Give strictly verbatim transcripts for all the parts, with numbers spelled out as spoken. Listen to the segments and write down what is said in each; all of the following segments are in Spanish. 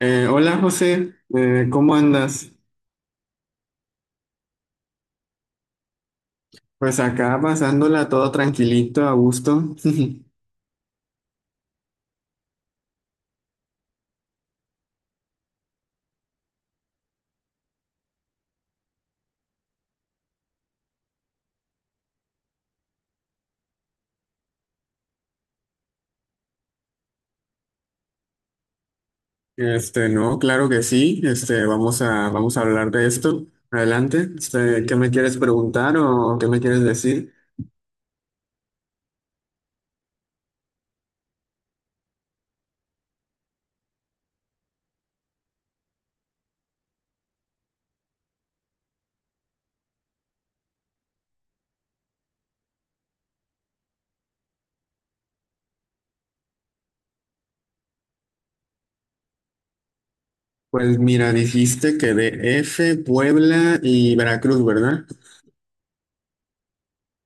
Eh, hola José, Eh, ¿cómo andas? Pues acá pasándola todo tranquilito, a gusto. Este, no, claro que sí. Este, vamos a, vamos a hablar de esto. Adelante. Este, ¿qué me quieres preguntar o qué me quieres decir? Pues mira, dijiste que de F, Puebla y Veracruz, ¿verdad?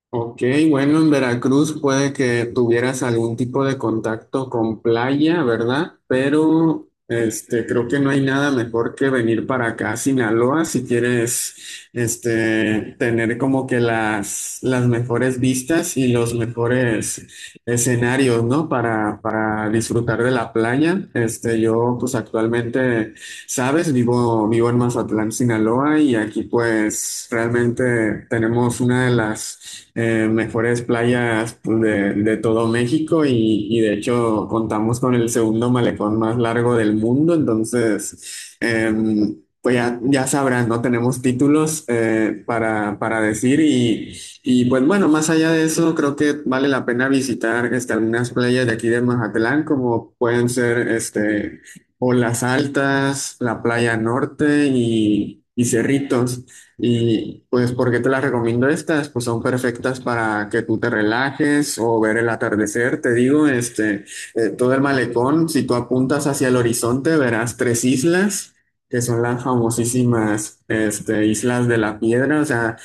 Ok, bueno, en Veracruz puede que tuvieras algún tipo de contacto con playa, ¿verdad? Pero este, creo que no hay nada mejor que venir para acá a Sinaloa si quieres este, tener como que las, las mejores vistas y los mejores escenarios, ¿no? Para, para disfrutar de la playa. Este, yo pues actualmente... Sabes, vivo, vivo en Mazatlán, Sinaloa, y aquí pues realmente tenemos una de las eh, mejores playas pues, de, de todo México y, y de hecho contamos con el segundo malecón más largo del mundo, entonces em, pues ya, ya sabrás, ¿no? Tenemos títulos eh, para, para decir y, y pues bueno, más allá de eso, creo que vale la pena visitar este, algunas playas de aquí de Mazatlán, como pueden ser este o las altas, la playa norte y, y cerritos. Y pues, ¿por qué te las recomiendo estas? Pues son perfectas para que tú te relajes o ver el atardecer. Te digo, este, eh, todo el malecón, si tú apuntas hacia el horizonte, verás tres islas, que son las famosísimas, este, Islas de la Piedra. O sea,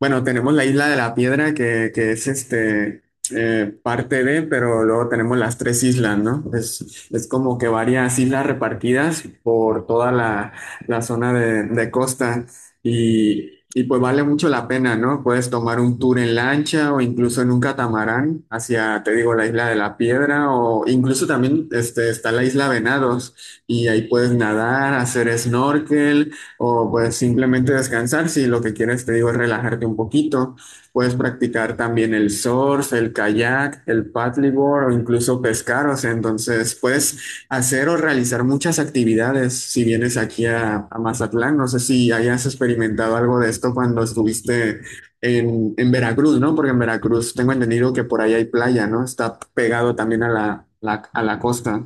bueno, tenemos la Isla de la Piedra que, que es este eh, parte de, pero luego tenemos las tres islas, ¿no? Es, es como que varias islas repartidas por toda la, la zona de, de costa y, y pues vale mucho la pena, ¿no? Puedes tomar un tour en lancha o incluso en un catamarán hacia, te digo, la isla de la Piedra o incluso también este, está la isla Venados y ahí puedes nadar, hacer snorkel o pues simplemente descansar si lo que quieres, te digo, es relajarte un poquito. Puedes practicar también el surf, el kayak, el paddleboard o incluso pescar. O sea, entonces puedes hacer o realizar muchas actividades si vienes aquí a, a Mazatlán. No sé si hayas experimentado algo de esto cuando estuviste en, en Veracruz, ¿no? Porque en Veracruz tengo entendido que por ahí hay playa, ¿no? Está pegado también a la, la- a la costa.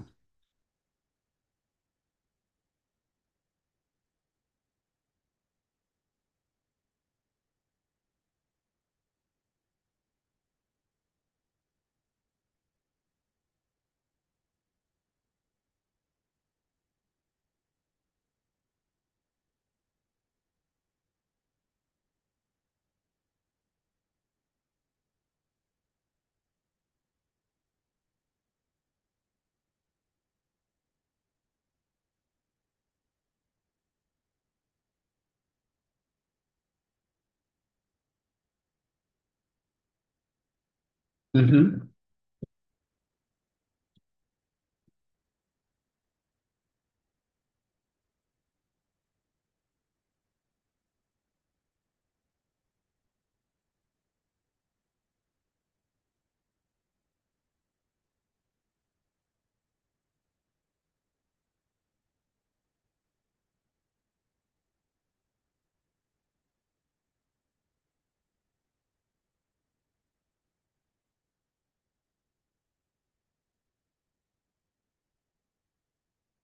Ujú,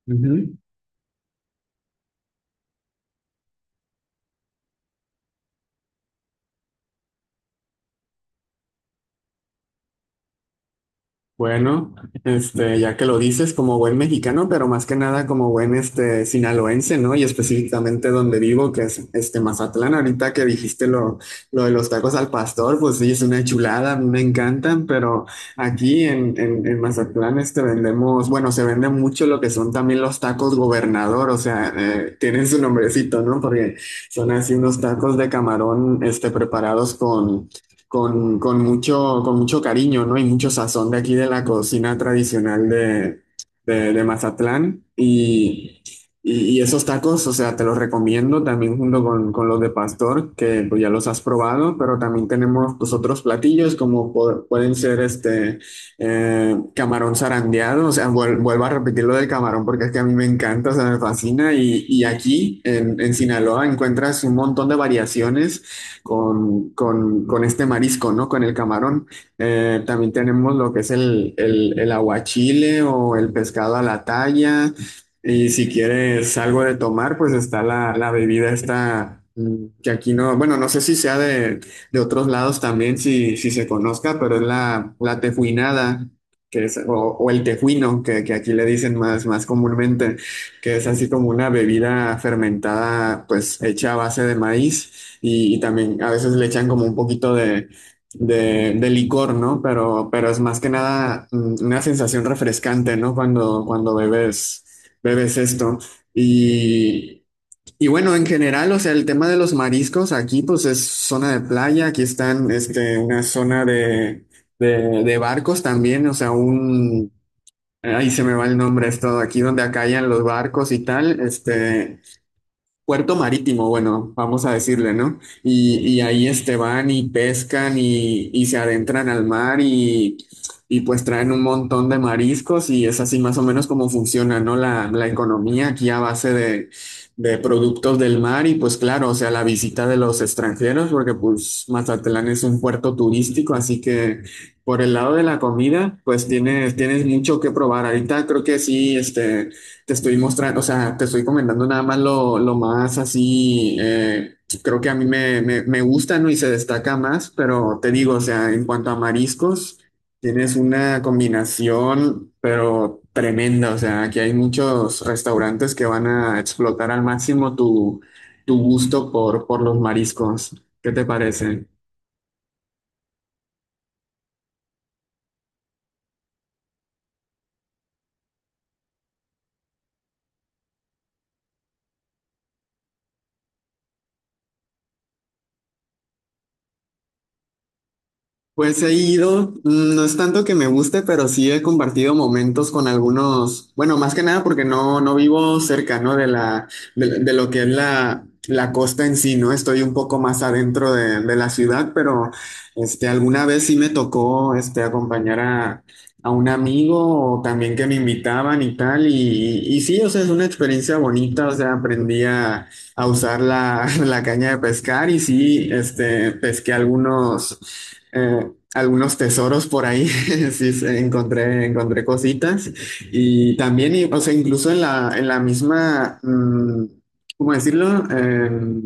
ujú. Bueno, este, ya que lo dices, como buen mexicano, pero más que nada como buen este sinaloense, ¿no? Y específicamente donde vivo, que es este Mazatlán. Ahorita que dijiste lo, lo de los tacos al pastor, pues sí, es una chulada, a mí me encantan, pero aquí en, en, en Mazatlán este vendemos, bueno, se vende mucho lo que son también los tacos gobernador, o sea, eh, tienen su nombrecito, ¿no? Porque son así unos tacos de camarón, este, preparados con con, con mucho, con mucho cariño, ¿no? Y mucho sazón de aquí de la cocina tradicional de, de, de Mazatlán. Y, y- y esos tacos, o sea, te los recomiendo también junto con, con los de pastor, que pues, ya los has probado, pero también tenemos pues, otros platillos como po- pueden ser este eh, camarón zarandeado, o sea, vuel- vuelvo a repetir lo del camarón porque es que a mí me encanta, o sea, me fascina. Y, y aquí en, en Sinaloa encuentras un montón de variaciones con, con- con este marisco, ¿no? Con el camarón. Eh, también tenemos lo que es el, el, el aguachile o el pescado a la talla. Y si quieres algo de tomar, pues está la, la bebida esta, mm, que aquí no, bueno, no sé si sea de, de otros lados también, si, si se conozca, pero es la, la tejuinada. Que es, o, o el tejuino, que, que aquí le dicen más, más comúnmente que es así como una bebida fermentada, pues hecha a base de maíz. Y, y también a veces le echan como un poquito de, de, de licor, ¿no? Pero, pero es más que nada mm, una sensación refrescante, ¿no? Cuando, cuando bebes, bebes esto. Y, y bueno, en general, o sea, el tema de los mariscos aquí, pues es zona de playa, aquí están, este, una zona de, de, de barcos también, o sea, un... Ahí se me va el nombre, esto, aquí donde acallan los barcos y tal, este, puerto marítimo, bueno, vamos a decirle, ¿no? Y, y ahí este van y pescan y, y se adentran al mar y, y pues traen un montón de mariscos y es así más o menos como funciona, ¿no? La, la economía aquí a base de, de productos del mar y pues claro, o sea, la visita de los extranjeros, porque pues Mazatlán es un puerto turístico, así que por el lado de la comida, pues tienes, tienes mucho que probar. Ahorita creo que sí, este te estoy mostrando, o sea, te estoy comentando nada más lo, lo más así, eh, creo que a mí me, me, me gusta, ¿no? Y se destaca más, pero te digo, o sea, en cuanto a mariscos, tienes una combinación, pero tremenda, o sea, aquí hay muchos restaurantes que van a explotar al máximo tu, tu gusto por, por los mariscos. ¿Qué te parece? Pues he ido, mm, no es tanto que me guste, pero sí he compartido momentos con algunos, bueno, más que nada porque no, no vivo cerca, ¿no? De la, de, de lo que es la, la costa en sí, ¿no? Estoy un poco más adentro de, de la ciudad, pero este, alguna vez sí me tocó este, acompañar a, a un amigo o también que me invitaban y tal, y, y, y sí, o sea, es una experiencia bonita, o sea, aprendí a, a usar la, la caña de pescar y sí, este, pesqué algunos eh, algunos tesoros por ahí, sí, se- encontré, encontré cositas y también, y- o sea, incluso en la, en la misma, mm, ¿cómo decirlo? Eh,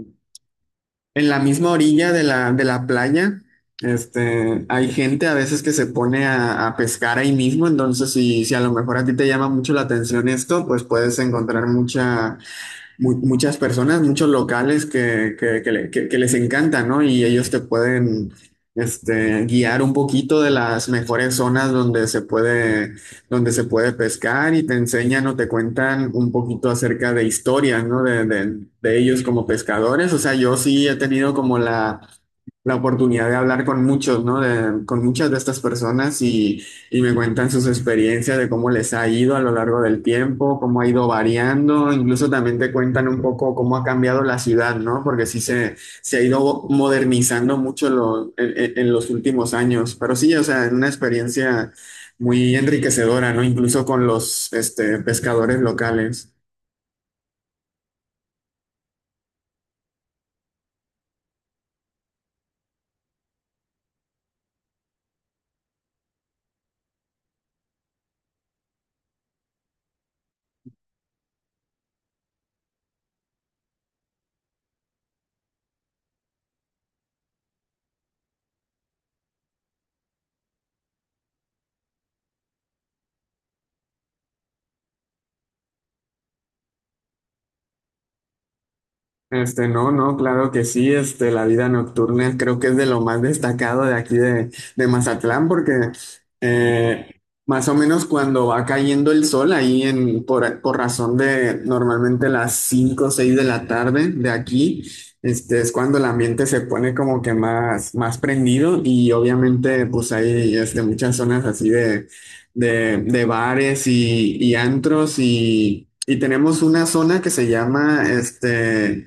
en la misma orilla de la, de la playa, este, hay gente a veces que se pone a, a pescar ahí mismo, entonces si, si a lo mejor a ti te llama mucho la atención esto, pues puedes encontrar mucha mu- muchas personas, muchos locales que, que- que le- que- que les encanta, ¿no? Y ellos te pueden este, guiar un poquito de las mejores zonas donde se puede, donde se puede pescar y te enseñan o te cuentan un poquito acerca de historias, ¿no? De, de- de ellos como pescadores. O sea, yo sí he tenido como la la oportunidad de hablar con muchos, ¿no? De- con muchas de estas personas y, y me cuentan sus experiencias de cómo les ha ido a lo largo del tiempo, cómo ha ido variando, incluso también te cuentan un poco cómo ha cambiado la ciudad, ¿no? Porque sí se, se ha ido modernizando mucho lo- en, en- en los últimos años, pero sí, o sea, es una experiencia muy enriquecedora, ¿no? Incluso con los este, pescadores locales. Este, no, no, claro que sí, este, la vida nocturna creo que es de lo más destacado de aquí de, de Mazatlán, porque eh, más o menos cuando va cayendo el sol ahí en, por, por razón de normalmente las cinco o seis de la tarde de aquí, este, es cuando el ambiente se pone como que más, más prendido y obviamente pues hay este, muchas zonas así de, de, de bares y, y antros y, y tenemos una zona que se llama, este,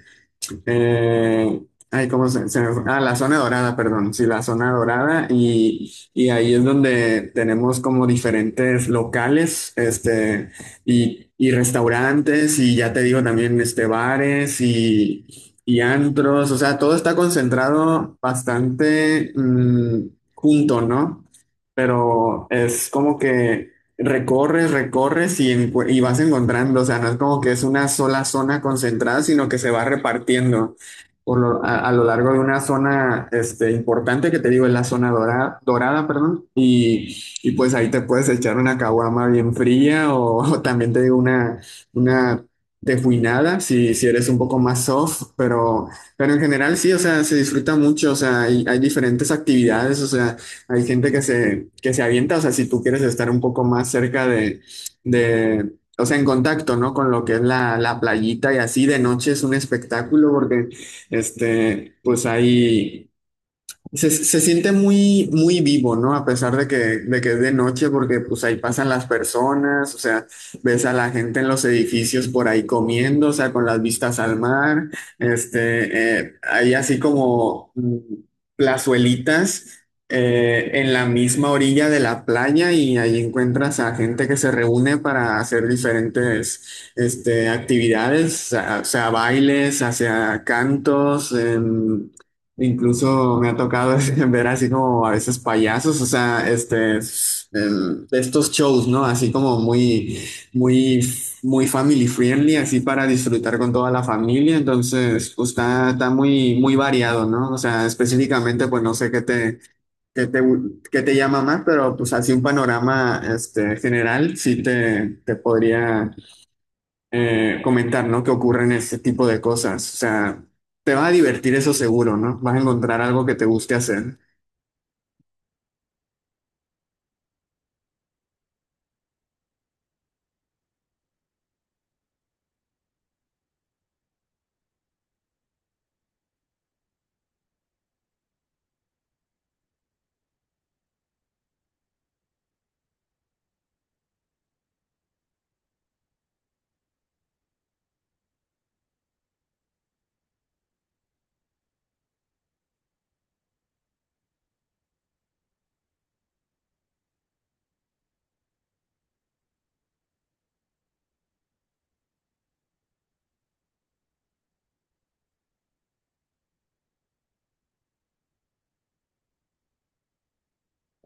eh, ay, ¿cómo se, se me fue? Ah, la zona dorada, perdón. Sí, la zona dorada. Y, y ahí es donde tenemos como diferentes locales, este, y, y restaurantes, y ya te digo también, este, bares y, y antros. O sea, todo está concentrado bastante mm, junto, ¿no? Pero es como que recorres, recorres y, encu- y vas encontrando, o sea, no es como que es una sola zona concentrada, sino que se va repartiendo por lo- a, a lo largo de una zona este, importante, que te digo, es la zona dorada, dorada, perdón, y, y pues ahí te puedes echar una caguama bien fría o, o también te digo una, una tejuinada, si, si eres un poco más soft, pero, pero en general sí, o sea, se disfruta mucho, o sea, hay, hay diferentes actividades, o sea, hay gente que se, que se avienta, o sea, si tú quieres estar un poco más cerca de, de, o sea, en contacto, ¿no? Con lo que es la, la playita y así de noche es un espectáculo porque, este, pues hay se, se siente muy, muy vivo, ¿no? A pesar de que, de que es de noche, porque pues ahí pasan las personas, o sea, ves a la gente en los edificios por ahí comiendo, o sea, con las vistas al mar, este, eh, hay así como mm, plazuelitas eh, en la misma orilla de la playa y ahí encuentras a gente que se reúne para hacer diferentes, este, actividades, o sea, o sea, bailes, hacia cantos, em, incluso me ha tocado ver así como a veces payasos, o sea, este, el- de estos shows, ¿no? Así como muy, muy, muy family friendly, así para disfrutar con toda la familia. Entonces, pues está, está muy, muy variado, ¿no? O sea, específicamente, pues no sé qué te, qué te, qué te llama más, pero pues así un panorama, este, general, sí te, te podría eh, comentar, ¿no? Que ocurren este tipo de cosas. O sea, te vas a divertir eso seguro, ¿no? Vas a encontrar algo que te guste hacer.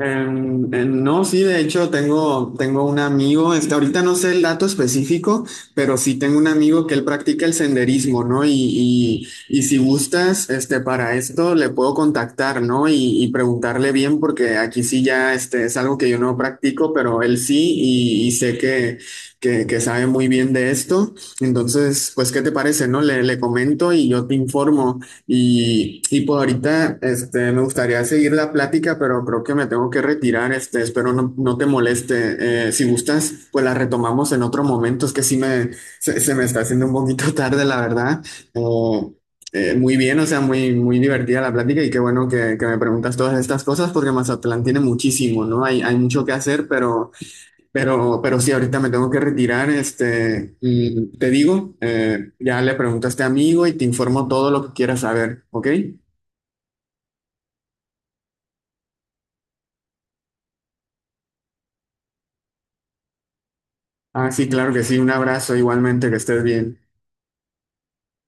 Em, eh, no, sí, de hecho tengo, tengo un amigo, este, ahorita no sé el dato específico, pero sí tengo un amigo que él practica el senderismo, ¿no? Y, y, y si gustas, este, para esto le puedo contactar, ¿no? Y, y preguntarle bien, porque aquí sí ya, este, es algo que yo no practico, pero él sí, y, y sé que, que, que sabe muy bien de esto. Entonces, pues, ¿qué te parece, no? Le, le comento y yo te informo. Y, y por ahorita, este, me gustaría seguir la plática, pero creo que me tengo que retirar, este, espero no, no te moleste. Eh, si gustas, pues la retomamos en otro momento, es que sí me, se, se me está haciendo un poquito tarde, la verdad. O, eh, muy bien, o sea, muy, muy divertida la plática y qué bueno que, que me preguntas todas estas cosas porque Mazatlán tiene muchísimo, ¿no? Hay, hay mucho que hacer, pero... Pero, pero sí, ahorita me tengo que retirar, este, y te digo, eh, ya le pregunto a este amigo y te informo todo lo que quieras saber, ¿ok? Ah, sí, claro que sí, un abrazo igualmente, que estés bien.